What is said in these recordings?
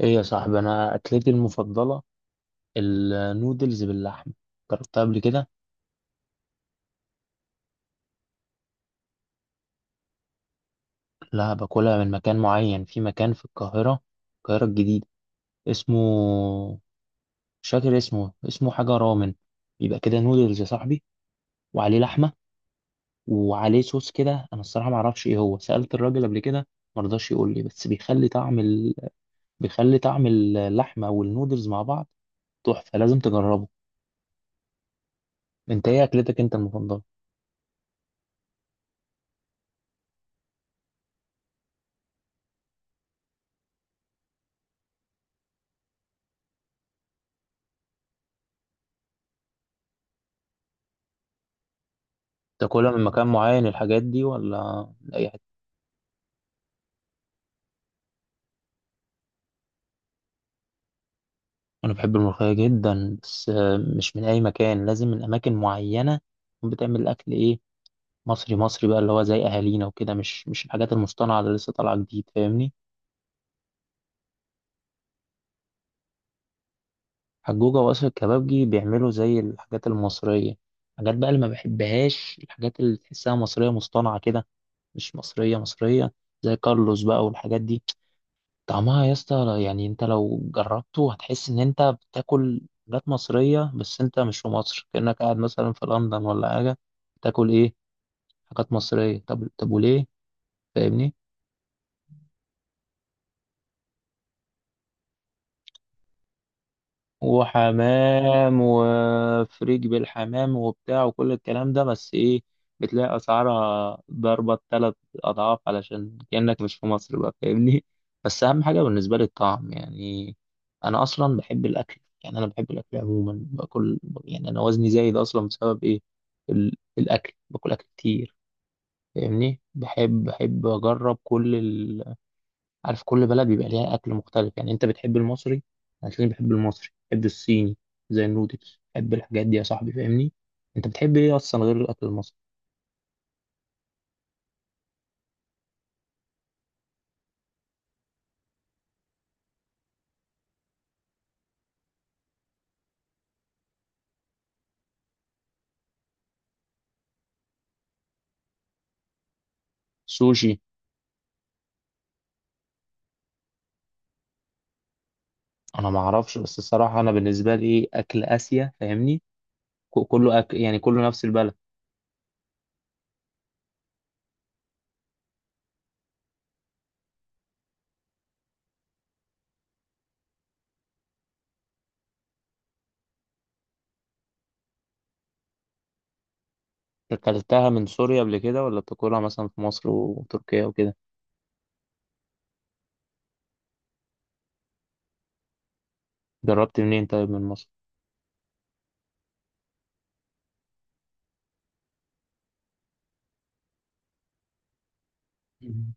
ايه يا صاحبي، انا اكلتي المفضله النودلز باللحمه. جربتها قبل كده. لا، باكلها من مكان معين، في مكان في القاهره، القاهره الجديده. اسمه مش فاكر اسمه حاجه رامن. يبقى كده نودلز يا صاحبي، وعليه لحمه، وعليه صوص كده. انا الصراحه ما اعرفش ايه هو، سالت الراجل قبل كده ما رضاش يقول لي. بس بيخلي طعم بيخلي طعم اللحمه والنودلز مع بعض. تحفه، لازم تجربه. انت ايه اكلتك انت المفضله؟ تاكلها من مكان معين الحاجات دي ولا من اي حته؟ أنا بحب الملوخية جدا، بس مش من أي مكان، لازم من أماكن معينة تكون بتعمل أكل إيه، مصري مصري بقى، اللي هو زي أهالينا وكده. مش الحاجات المصطنعة اللي لسه طالعة جديد، فاهمني؟ حجوجة وأسر الكبابجي بيعملوا زي الحاجات المصرية. الحاجات بقى اللي ما بحبهاش، الحاجات اللي تحسها مصرية مصطنعة كده، مش مصرية مصرية. زي كارلوس بقى والحاجات دي، طعمها يا اسطى، يعني انت لو جربته هتحس ان انت بتاكل حاجات مصرية، بس انت مش في مصر، كأنك قاعد مثلا في لندن ولا حاجة. تاكل ايه؟ حاجات مصرية؟ طب وليه؟ فاهمني؟ وحمام وفريج بالحمام وبتاع وكل الكلام ده، بس ايه، بتلاقي اسعارها ضربة 3 اضعاف، علشان كأنك مش في مصر بقى، فاهمني؟ بس اهم حاجة بالنسبة لي الطعم يعني. انا اصلا بحب الاكل يعني، انا بحب الاكل عموما، باكل يعني، انا وزني زايد اصلا بسبب ايه؟ الاكل، باكل اكل كتير، فاهمني؟ بحب اجرب كل، عارف كل بلد بيبقى ليها اكل مختلف. يعني انت بتحب المصري، هتلاقيني بحب المصري، بحب الصيني زي النودلز، بحب الحاجات دي يا صاحبي، فاهمني؟ انت بتحب ايه اصلا غير الاكل المصري؟ سوشي؟ انا ما اعرفش، بس الصراحه انا بالنسبه لي ايه، اكل اسيا فاهمني، كله أكل يعني، كله نفس البلد. اكلتها من سوريا قبل كده ولا بتاكلها مثلا في مصر وتركيا وكده؟ جربت منين طيب، من مصر؟ مم.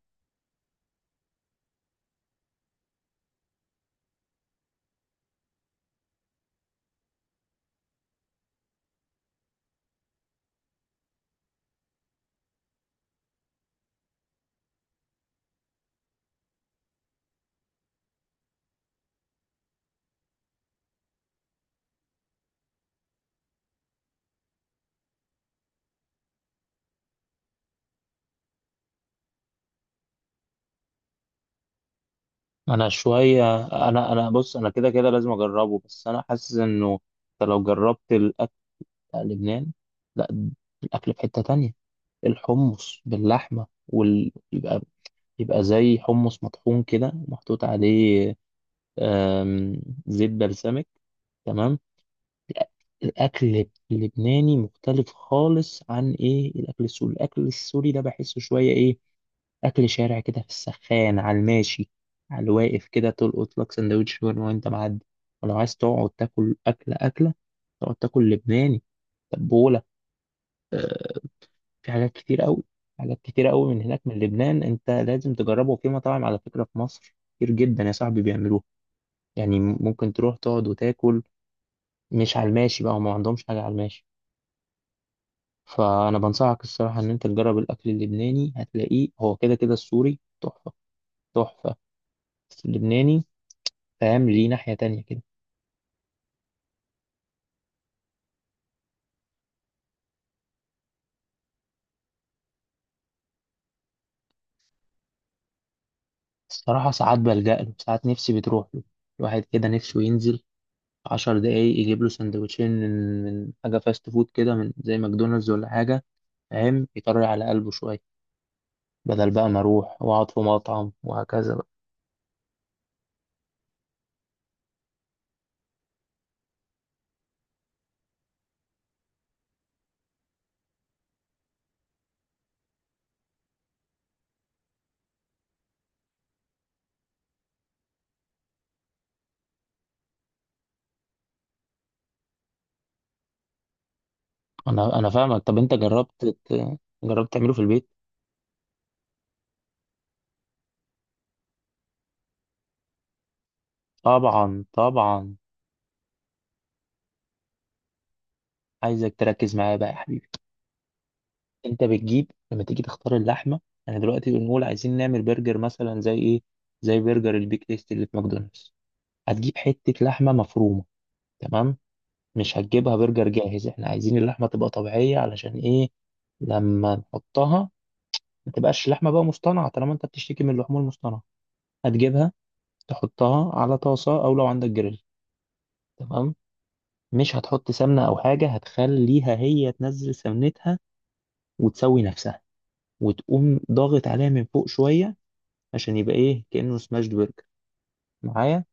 انا شويه، انا بص، انا كده كده لازم اجربه، بس انا حاسس انه انت لو جربت لا لبنان، لا، الأكل في حتة تانية. الحمص باللحمة يبقى زي حمص مطحون كده محطوط عليه، آم، زيت بلسمك، تمام. الأكل اللبناني مختلف خالص عن إيه، الأكل السوري. الأكل السوري ده بحسه شوية إيه، أكل شارع كده، في السخان، على الماشي، على الواقف كده، تلقط لك سندوتش شاورما وأنت معدي. ولو عايز تقعد تاكل أكلة أكلة، تقعد تاكل لبناني، تبولة، في حاجات كتير قوي، حاجات كتير قوي من هناك من لبنان. انت لازم تجربه. وفي مطاعم على فكرة في مصر كتير جدا يا صاحبي بيعملوها، يعني ممكن تروح تقعد وتاكل، مش على الماشي بقى، وما عندهمش حاجة على الماشي. فانا بنصحك الصراحة ان انت تجرب الاكل اللبناني، هتلاقيه هو كده كده. السوري تحفة تحفة، بس اللبناني فاهم ليه ناحية تانية كده. الصراحة ساعات بلجأ له، ساعات نفسي بتروح له، الواحد كده نفسه ينزل 10 دقايق يجيب له سندوتشين من حاجة فاست فود كده، من زي ماكدونالدز ولا حاجة، فاهم، يطري على قلبه شوية، بدل بقى ما أروح وأقعد في مطعم وهكذا بقى. أنا فاهمك. طب أنت جربت جربت تعمله في البيت؟ طبعا طبعا. عايزك تركز معايا بقى يا حبيبي. أنت بتجيب لما تيجي تختار اللحمة، أنا دلوقتي بنقول عايزين نعمل برجر مثلا زي إيه؟ زي برجر البيك تيست اللي في ماكدونالدز. هتجيب حتة لحمة مفرومة، تمام؟ مش هتجيبها برجر جاهز، احنا عايزين اللحمة تبقى طبيعية، علشان ايه، لما نحطها ما تبقاش لحمة بقى مصطنعة، طالما انت بتشتكي من اللحوم المصطنعة. هتجيبها، تحطها على طاسة او لو عندك جريل، تمام، مش هتحط سمنة او حاجة، هتخليها هي تنزل سمنتها وتسوي نفسها، وتقوم ضاغط عليها من فوق شوية، عشان يبقى ايه كأنه سماشد برجر، معايا؟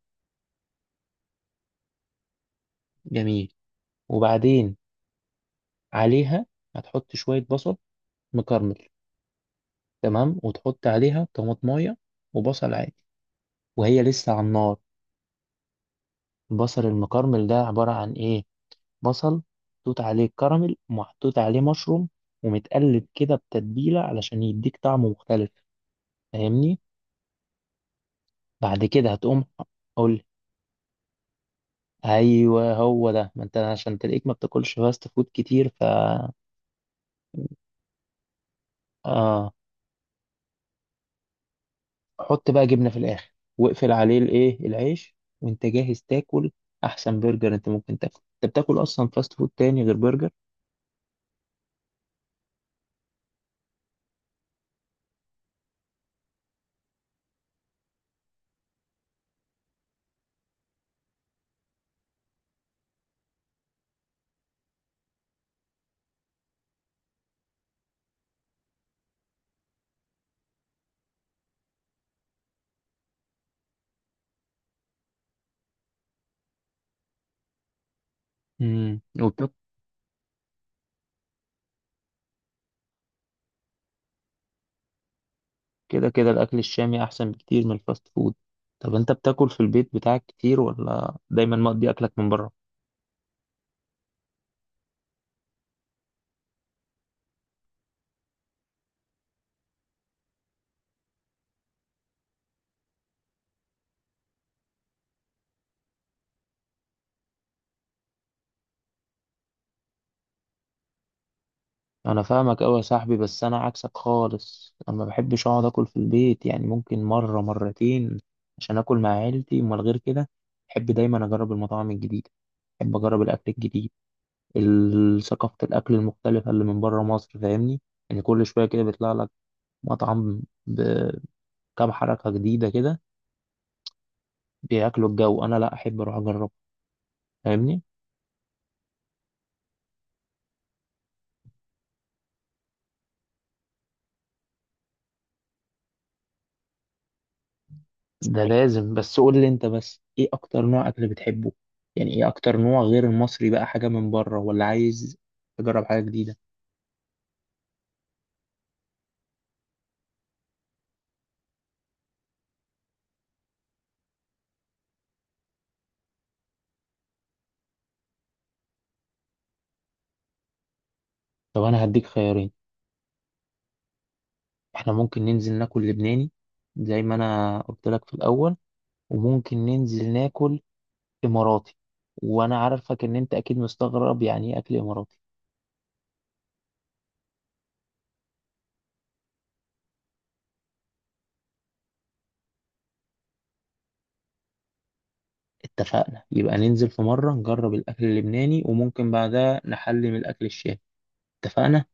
جميل. وبعدين عليها هتحط شوية بصل مكرمل، تمام، وتحط عليها طماطمايه وبصل عادي، وهي لسه على النار. البصل المكرمل ده عبارة عن إيه؟ بصل محطوط عليه الكراميل ومحطوط عليه مشروم، ومتقلب كده بتتبيلة، علشان يديك طعم مختلف، فاهمني؟ بعد كده هتقوم، قول. أيوه هو ده، ما أنت عشان تلاقيك ما بتاكلش فاست فود كتير، ف آه، حط بقى جبنة في الآخر، واقفل عليه الإيه، العيش، وأنت جاهز تاكل. أحسن برجر أنت ممكن تاكل. أنت بتاكل أصلا فاست فود تاني غير برجر؟ امم. كده كده الأكل الشامي أحسن بكتير من الفاست فود. طب أنت بتاكل في البيت بتاعك كتير ولا دايما مقضي أكلك من بره؟ أنا فاهمك أوي يا صاحبي، بس أنا عكسك خالص، أنا ما بحبش أقعد أكل في البيت، يعني ممكن مرة مرتين عشان أكل مع عيلتي، أمال غير كده بحب دايما أجرب المطاعم الجديدة، بحب أجرب الأكل الجديد، ثقافة الأكل المختلفة اللي من بره مصر، فاهمني؟ يعني كل شوية كده بيطلع لك مطعم بكام حركة جديدة كده، بياكلوا الجو. أنا لأ، أحب أروح أجرب، فاهمني؟ ده لازم، بس قول لي انت بس، ايه اكتر نوع اكل بتحبه؟ يعني ايه اكتر نوع غير المصري بقى، حاجة من بره ولا عايز تجرب حاجة جديدة؟ طب انا هديك خيارين. احنا ممكن ننزل ناكل لبناني زي ما انا قلت لك في الاول، وممكن ننزل ناكل اماراتي، وانا عارفك ان انت اكيد مستغرب يعني ايه اكل اماراتي. اتفقنا يبقى ننزل في مرة نجرب الاكل اللبناني، وممكن بعدها نحلي من الاكل الشامي. اتفقنا.